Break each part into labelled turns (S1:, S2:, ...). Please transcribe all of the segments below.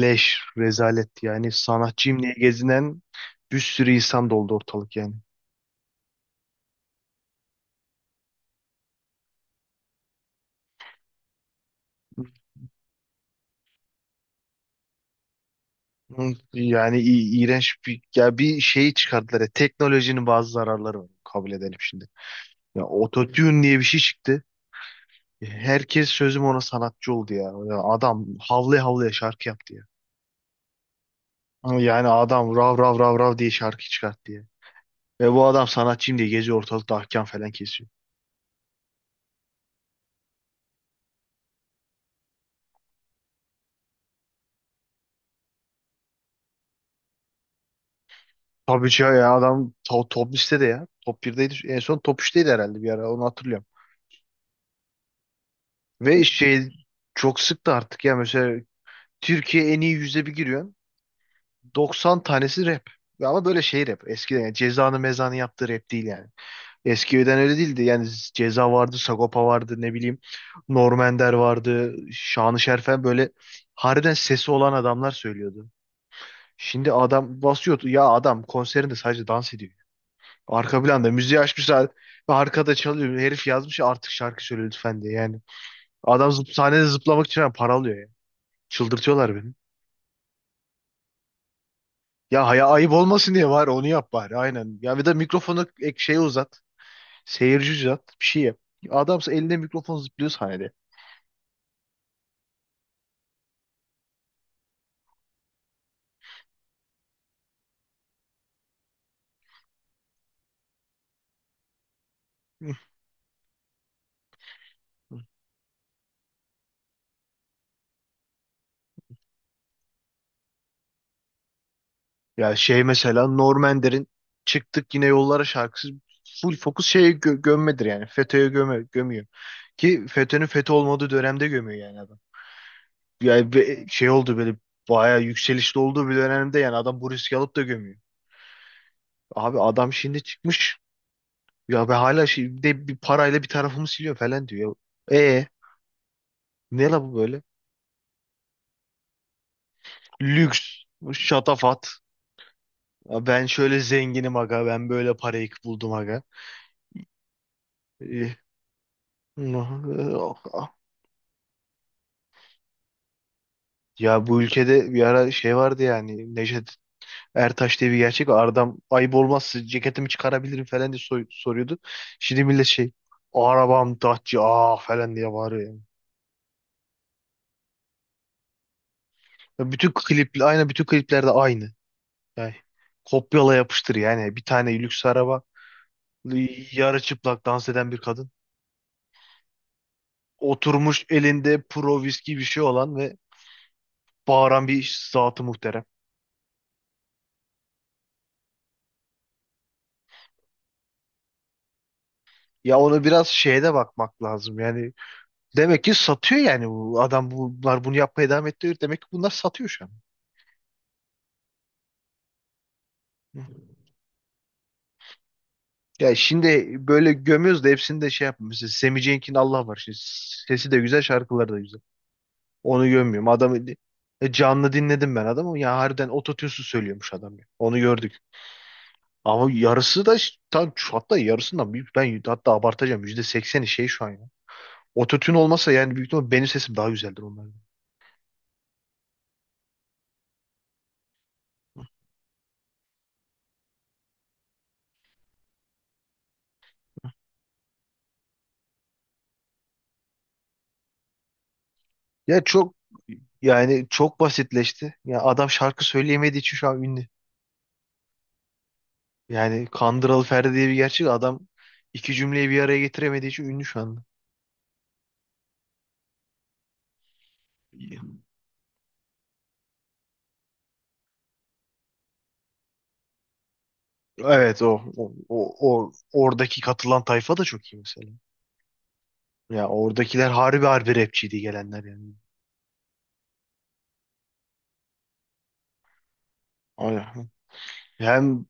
S1: Leş, rezalet yani sanatçıyım diye gezinen bir sürü insan doldu ortalık yani. Yani iğrenç bir şey çıkardılar. Ya, teknolojinin bazı zararları var. Kabul edelim şimdi. Ya ototune diye bir şey çıktı. Herkes sözüm ona sanatçı oldu ya. Ya adam havlaya havlaya şarkı yaptı ya. Ama yani adam rav rav rav rav diye şarkı çıkarttı ya. Ve bu adam sanatçıyım diye geziyor ortalıkta ahkam falan kesiyor. Tabii ki ya adam top listede ya. Top birdeydi. En son top 3'teydi herhalde, bir ara onu hatırlıyorum. Ve şey, çok sıktı artık ya, mesela Türkiye en iyi yüzde bir giriyorsun. 90 tanesi rap. Ve ama böyle şey rap. Eskiden yani Ceza'nın Meza'nın yaptığı rap değil yani. Eskiden öyle değildi. Yani Ceza vardı, Sagopa vardı, ne bileyim Norm Ender vardı, Şanı Şerfen, böyle harbiden sesi olan adamlar söylüyordu. Şimdi adam basıyordu. Ya adam konserinde sadece dans ediyor. Arka planda müziği açmışlar ve arkada çalıyor. Herif yazmış ya, artık şarkı söyle lütfen diye yani. Adam zıp, sahnede zıplamak için yani para alıyor ya. Çıldırtıyorlar beni. Ya haya ayıp olmasın diye var, onu yap bari aynen. Ya bir de mikrofonu ek şeye uzat. Seyirci uzat, bir şey yap. Adamsa elinde mikrofon zıplıyor sahnede. Ya şey, mesela Normander'in çıktık yine yollara şarkısı full fokus şeye gömmedir yani. FETÖ'ye göme gömüyor. Ki FETÖ'nün FETÖ olmadığı dönemde gömüyor yani adam. Yani şey oldu, böyle bayağı yükselişli olduğu bir dönemde yani adam bu riski alıp da gömüyor. Abi adam şimdi çıkmış ya be, hala şey, bir de bir parayla bir tarafımı siliyor falan diyor. E, ne la bu böyle? Lüks, şatafat. Ya ben şöyle zenginim aga, ben böyle parayı buldum aga. E, ya bu ülkede bir ara şey vardı yani Necdet Ertaş diye bir gerçek var. Adam ayıp olmazsa ceketimi çıkarabilirim falan diye soruyordu. Şimdi millet şey, arabam Dacia ah falan diye bağırıyor yani. Ya bütün klip aynı, bütün kliplerde aynı. Yani kopyala yapıştır yani, bir tane lüks araba, yarı çıplak dans eden bir kadın. Oturmuş elinde pro viski bir şey olan ve bağıran bir zatı muhterem. Ya ona biraz şeye de bakmak lazım yani, demek ki satıyor yani, bu adam bunlar bunu yapmaya devam ettiriyor. Demek ki bunlar satıyor şu an. Hı. Ya şimdi böyle gömüyoruz da hepsini de şey yapmıyor. Mesela Sammy Cenk'in Allah var. Şimdi sesi de güzel, şarkıları da güzel. Onu gömüyorum. Adamı, e, canlı dinledim ben adamı. Ya harbiden ototune'suz söylüyormuş adam ya. Onu gördük. Ama yarısı da tam hatta yarısından büyük. Ben hatta abartacağım. %80'i şey şu an ya. Ototune olmasa yani büyük ihtimalle benim sesim daha güzeldir onlardan. Ya çok yani, çok basitleşti. Ya adam şarkı söyleyemediği için şu an ünlü. Yani Kandıralı Ferdi diye bir gerçek adam, iki cümleyi bir araya getiremediği için ünlü şu anda. Evet oradaki katılan tayfa da çok iyi mesela. Ya oradakiler harbi harbi rapçiydi gelenler yani. Aynen. Hem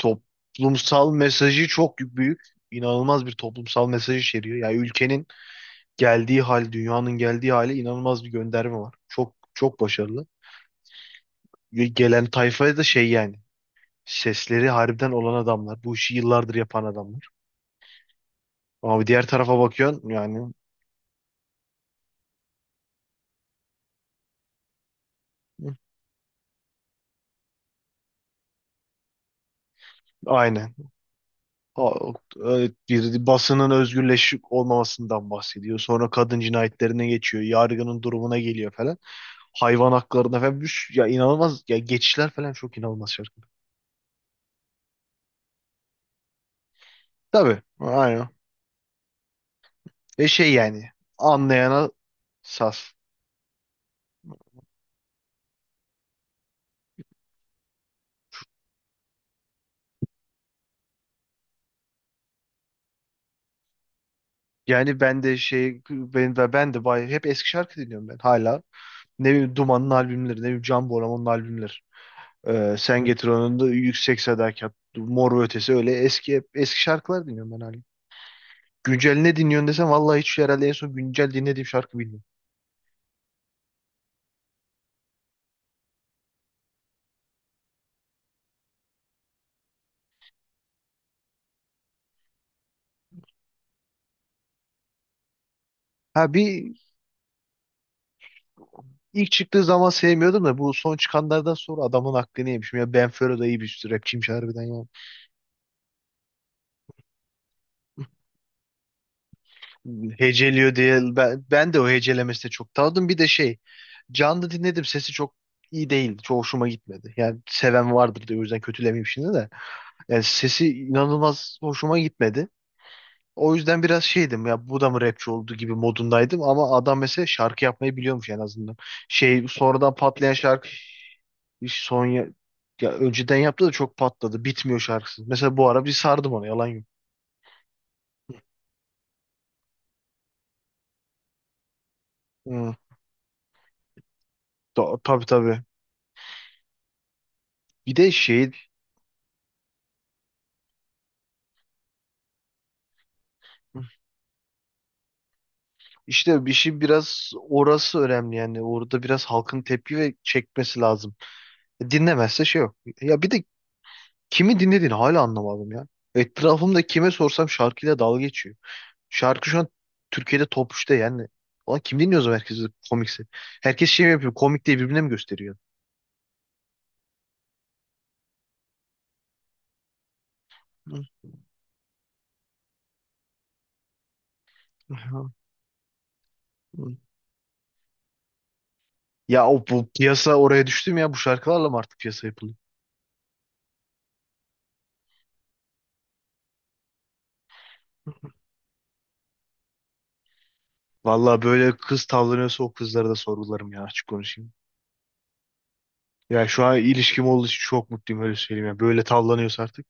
S1: toplumsal mesajı çok büyük, inanılmaz bir toplumsal mesaj içeriyor. Yani ülkenin geldiği hal, dünyanın geldiği hale inanılmaz bir gönderme var. Çok çok başarılı. Ve gelen tayfaya da şey yani. Sesleri harbiden olan adamlar. Bu işi yıllardır yapan adamlar. Ama bir diğer tarafa bakıyorsun yani. Hı, aynen. Ha, evet, bir basının özgürleşik olmamasından bahsediyor. Sonra kadın cinayetlerine geçiyor. Yargının durumuna geliyor falan. Hayvan haklarına falan. Ya, inanılmaz. Ya geçişler falan, çok inanılmaz şarkı. Tabii. Aynen. Ve şey yani. Anlayana sas. Yani ben de şey, hep eski şarkı dinliyorum ben hala. Ne bileyim Duman'ın albümleri, ne bileyim Can Bonomo'nun albümleri. Sen Getir Onu da, Yüksek Sadakat, Mor ve Ötesi, öyle eski eski şarkılar dinliyorum ben hala. Güncel ne dinliyorsun desem vallahi hiç, herhalde en son güncel dinlediğim şarkı bilmiyorum. Ha bir, ilk çıktığı zaman sevmiyordum da bu son çıkanlardan sonra adamın aklını yemişim. Ya Ben Fero da iyi bir rapçiymiş harbiden ya. Heceliyor diye ben de o hecelemesi de çok tanıdım. Bir de şey, canlı dinledim, sesi çok iyi değil. Çok hoşuma gitmedi. Yani seven vardır diye o yüzden kötülemeyeyim şimdi de. Yani sesi inanılmaz hoşuma gitmedi. O yüzden biraz şeydim ya, bu da mı rapçi oldu gibi modundaydım, ama adam mesela şarkı yapmayı biliyormuş en azından. Şey, sonradan patlayan şarkı son ya, ya önceden yaptı da çok patladı. Bitmiyor şarkısı. Mesela bu ara bir sardım ona, yalan yok. Hı, tabii tabii. Bir de şey, işte bir şey, biraz orası önemli yani, orada biraz halkın tepki ve çekmesi lazım. Dinlemezse şey yok. Ya bir de kimi dinlediğini hala anlamadım ya. Etrafımda kime sorsam şarkıyla dalga geçiyor. Şarkı şu an Türkiye'de top üçte yani. Ulan kim dinliyor o zaman herkesi, komikse? Herkes şey mi yapıyor? Komik diye birbirine mi gösteriyor? Ya o, bu piyasa oraya düştü mü ya? Bu şarkılarla mı artık piyasa yapılıyor? Vallahi böyle kız tavlanıyorsa o kızlara da sorgularım ya, açık konuşayım. Ya şu an ilişkim olduğu için çok mutluyum, öyle söyleyeyim ya. Böyle tavlanıyorsa artık.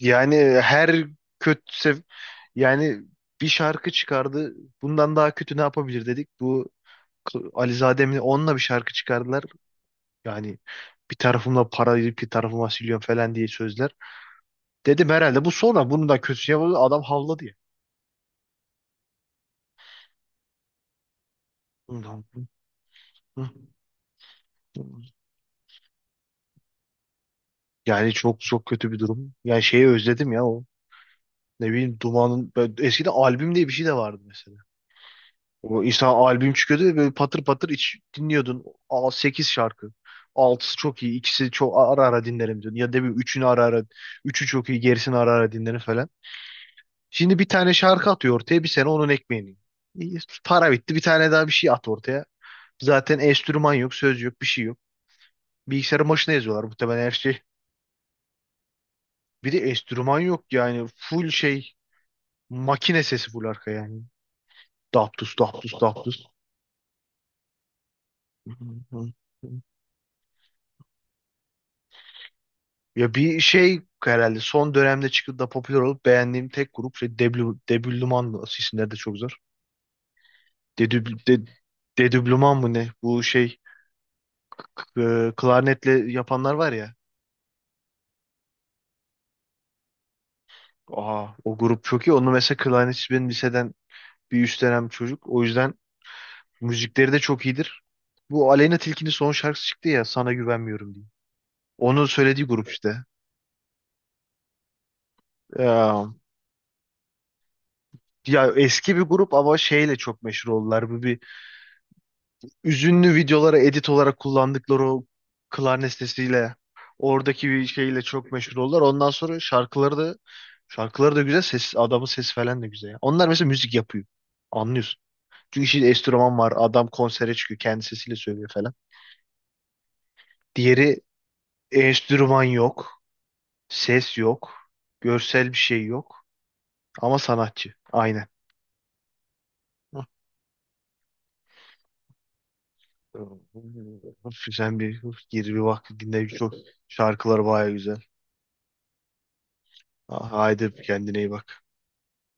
S1: Yani her kötü, yani bir şarkı çıkardı. Bundan daha kötü ne yapabilir dedik. Bu Alizade mi, onunla bir şarkı çıkardılar. Yani bir tarafımla para, bir tarafıma siliyorum falan diye sözler. Dedim herhalde bu sonra, bunu da kötü yapıldı. Adam havladı ya. Yani çok çok kötü bir durum. Yani şeyi özledim ya o. Ne bileyim Duman'ın eskiden albüm diye bir şey de vardı mesela. O insan albüm çıkıyordu ve böyle patır patır iç dinliyordun. Aa, 8 şarkı. Altısı çok iyi. İkisi çok ara ara dinlerim diyordun. Ya da bir üçünü ara ara. Üçü çok iyi. Gerisini ara ara dinlerim falan. Şimdi bir tane şarkı atıyor ortaya. Bir sene onun ekmeğini yiyor. İyi, para bitti. Bir tane daha bir şey at ortaya. Zaten enstrüman yok. Söz yok. Bir şey yok. Bilgisayarın başına yazıyorlar muhtemelen her şey. Bir de enstrüman yok yani. Full şey. Makine sesi full arka yani. Daptus daptus daptus. Ya bir şey herhalde son dönemde çıkıp da popüler olup beğendiğim tek grup şey, Debluman mı? Asıl isimleri de çok zor. Dedübl, de, Dedüblüman mı ne? Bu şey, k- e, klarnetle yapanlar var ya. Aa, o grup çok iyi. Onu, mesela klarnetçi benim liseden bir üst dönem çocuk. O yüzden müzikleri de çok iyidir. Bu Aleyna Tilki'nin son şarkısı çıktı ya, Sana Güvenmiyorum diye. Onun söylediği grup işte. Ya, ya eski bir grup ama şeyle çok meşhur oldular. Bu bir, üzünlü videolara edit olarak kullandıkları o klarnet sesiyle, oradaki bir şeyle çok meşhur oldular. Ondan sonra şarkıları da, şarkıları da güzel, ses, adamın sesi falan da güzel. Onlar mesela müzik yapıyor. Anlıyorsun. Çünkü şimdi enstrüman var. Adam konsere çıkıyor. Kendi sesiyle söylüyor falan. Diğeri enstrüman yok. Ses yok. Görsel bir şey yok. Ama sanatçı. Aynen. Hı. Sen bir gir bir bak dinle, çok şarkıları baya güzel. Haydi kendine iyi bak.